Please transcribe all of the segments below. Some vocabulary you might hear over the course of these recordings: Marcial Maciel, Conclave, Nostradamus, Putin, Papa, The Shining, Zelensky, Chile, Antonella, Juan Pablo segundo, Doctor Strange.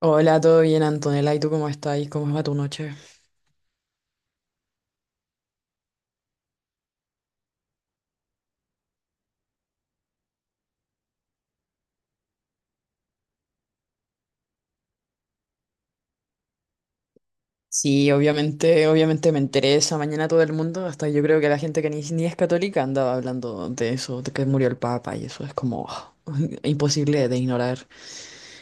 Hola, ¿todo bien, Antonella? ¿Y tú cómo estás? ¿Cómo va tu noche? Sí, obviamente me enteré esa mañana todo el mundo, hasta yo creo que la gente que ni es católica andaba hablando de eso, de que murió el Papa y eso es como ah, imposible de ignorar.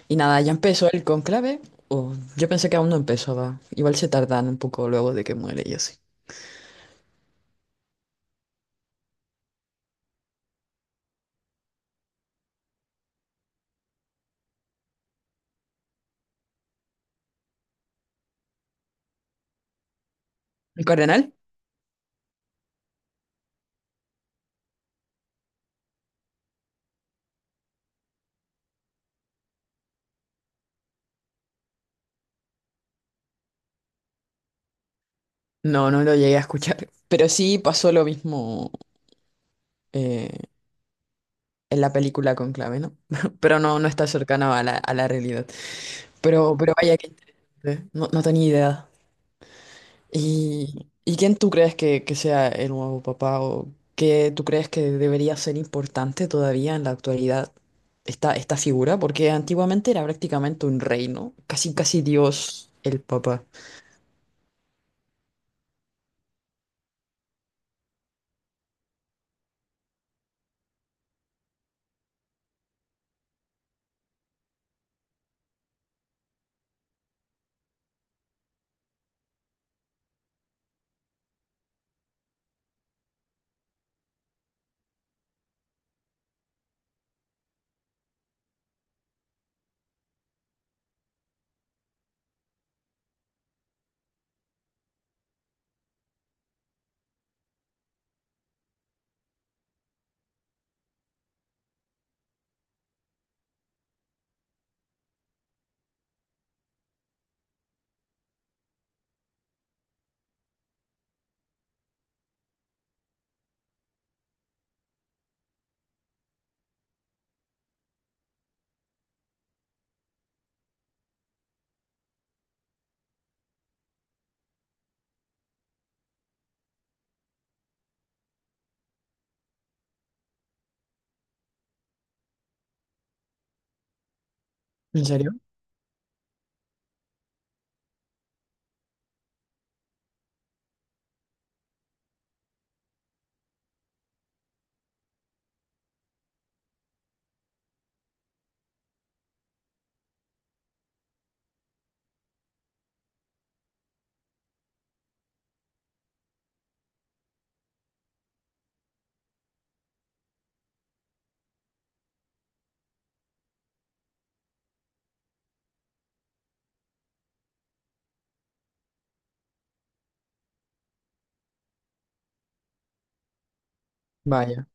Y nada, ya empezó el conclave, o yo pensé que aún no empezaba, igual se tardan un poco luego de que muere y así. ¿El cardenal? No, no lo llegué a escuchar, pero sí pasó lo mismo eh, en la película Conclave, ¿no? Pero no, no está cercano a la realidad. Pero vaya que interesante. No, no tenía idea. ¿Y quién tú crees que sea el nuevo papá o qué tú crees que debería ser importante todavía en la actualidad esta figura? Porque antiguamente era prácticamente un rey, no, casi casi Dios el papá. ¿En serio? Vaya.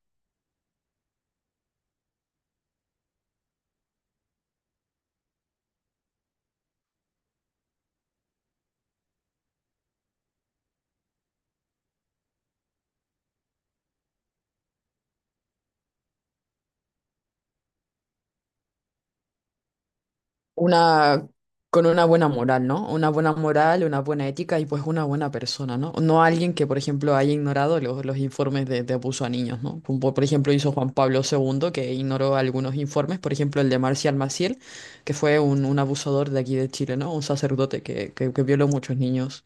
Una, con una buena moral, ¿no? Una buena moral, una buena ética y pues una buena persona, ¿no? No alguien que, por ejemplo, haya ignorado los informes de abuso a niños, ¿no? Como por ejemplo hizo Juan Pablo segundo, que ignoró algunos informes, por ejemplo el de Marcial Maciel, que fue un abusador de aquí de Chile, ¿no? Un sacerdote que violó muchos niños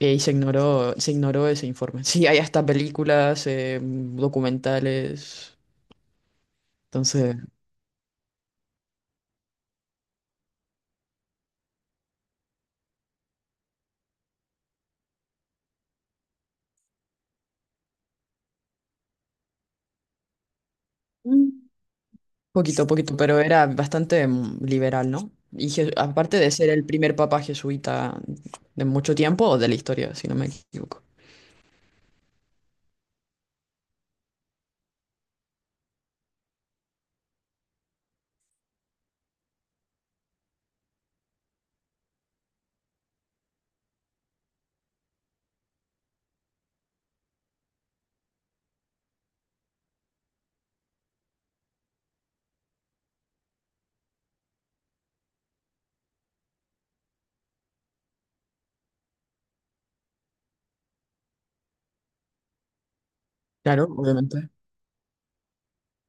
y se ignoró ese informe. Sí, hay hasta películas, documentales, entonces... Poquito, pero era bastante liberal, ¿no? Y aparte de ser el primer papa jesuita de mucho tiempo o de la historia, si no me equivoco. Claro, obviamente.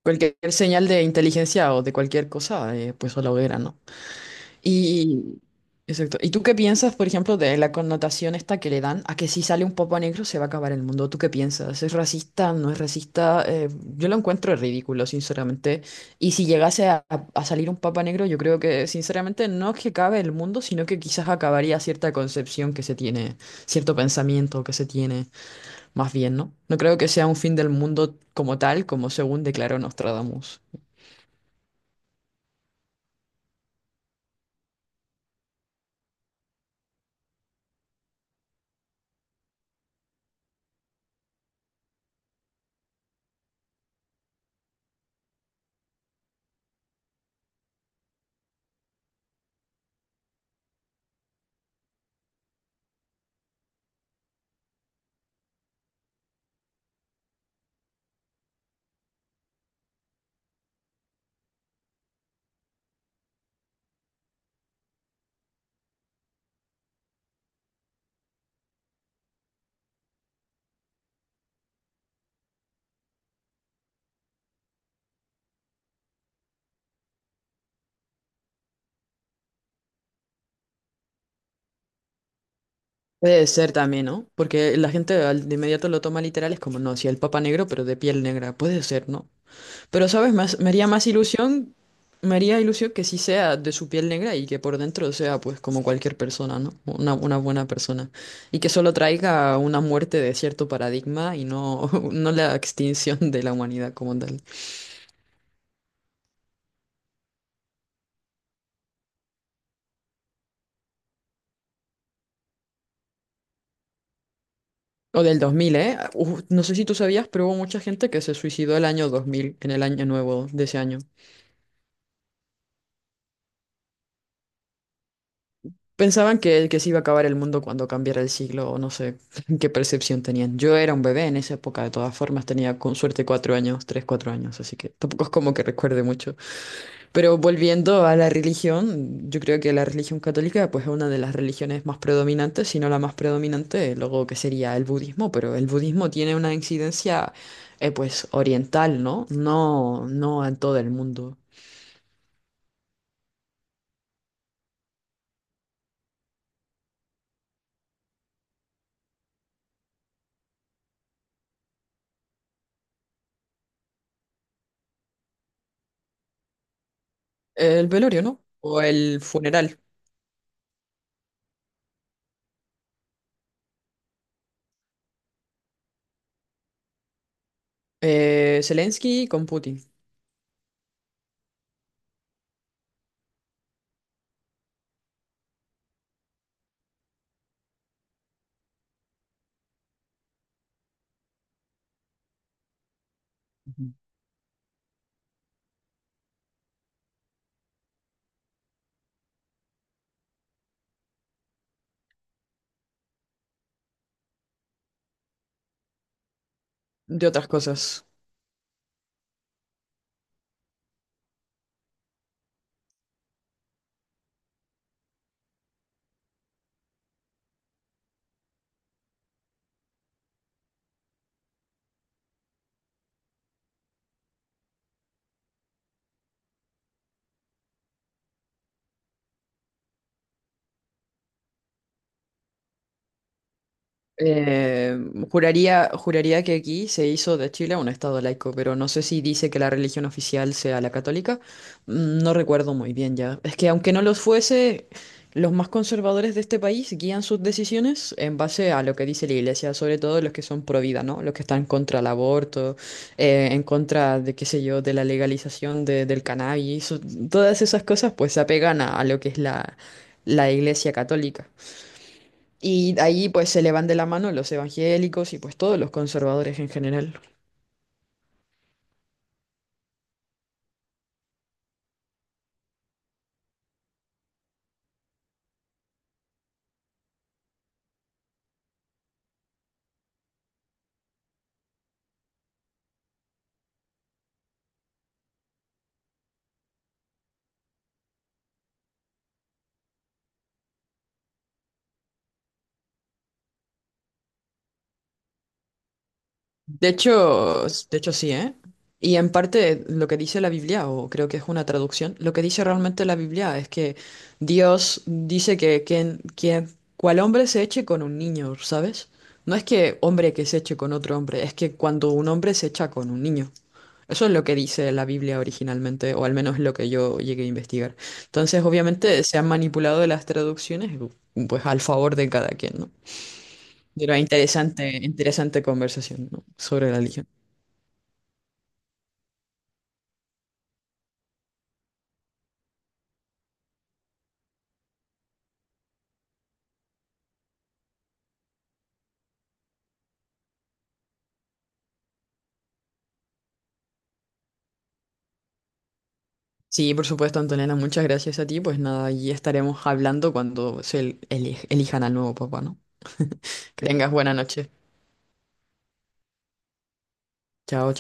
Cualquier señal de inteligencia o de cualquier cosa, pues a la hoguera, ¿no? Y, exacto. ¿Y tú qué piensas, por ejemplo, de la connotación esta que le dan a que si sale un popo negro se va a acabar el mundo? ¿Tú qué piensas? ¿Es racista? ¿No es racista? Yo lo encuentro ridículo, sinceramente. Y si llegase a, a salir un papa negro, yo creo que, sinceramente, no es que acabe el mundo, sino que quizás acabaría cierta concepción que se tiene, cierto pensamiento que se tiene, más bien, ¿no? No creo que sea un fin del mundo como tal, como según declaró Nostradamus. Puede ser también, ¿no? Porque la gente de inmediato lo toma literal, es como, no, si el Papa Negro, pero de piel negra, puede ser, ¿no? Pero, ¿sabes? Más, me haría ilusión que sí sea de su piel negra y que por dentro sea, pues, como cualquier persona, ¿no? Una buena persona. Y que solo traiga una muerte de cierto paradigma y no, no la extinción de la humanidad como tal. O del 2000, ¿eh? Uf, no sé si tú sabías, pero hubo mucha gente que se suicidó el año 2000, en el año nuevo de ese año. Pensaban que se iba a acabar el mundo cuando cambiara el siglo, o no sé qué percepción tenían. Yo era un bebé en esa época, de todas formas, tenía con suerte cuatro años, tres, cuatro años, así que tampoco es como que recuerde mucho. Pero volviendo a la religión, yo creo que la religión católica pues, es una de las religiones más predominantes, si no la más predominante, luego que sería el budismo, pero el budismo tiene una incidencia pues oriental, ¿no? No, no en todo el mundo. El velorio, ¿no? O el funeral. Zelensky con Putin. Ujú. De otras cosas. Eh, juraría, juraría que aquí se hizo de Chile un estado laico, pero no sé si dice que la religión oficial sea la católica. Mm, no recuerdo muy bien ya. Es que aunque no los fuese, los más conservadores de este país guían sus decisiones en base a lo que dice la iglesia, sobre todo los que son pro vida, ¿no? Los que están contra el aborto, en contra de, qué sé yo, de la legalización del cannabis. Todas esas cosas pues se apegan a lo que es la iglesia católica. Y ahí pues se le van de la mano los evangélicos y pues todos los conservadores en general. De hecho sí, ¿eh? Y en parte lo que dice la Biblia, o creo que es una traducción, lo que dice realmente la Biblia es que Dios dice que cual hombre se eche con un niño, ¿sabes? No es que hombre que se eche con otro hombre, es que cuando un hombre se echa con un niño. Eso es lo que dice la Biblia originalmente, o al menos lo que yo llegué a investigar. Entonces, obviamente, se han manipulado las traducciones, pues al favor de cada quien, ¿no? Pero interesante conversación, ¿no? Sobre la religión. Sí, por supuesto, Antonella, muchas gracias a ti. Pues nada, y estaremos hablando cuando se elijan al nuevo papá, ¿no? Que tengas buena noche. Chao.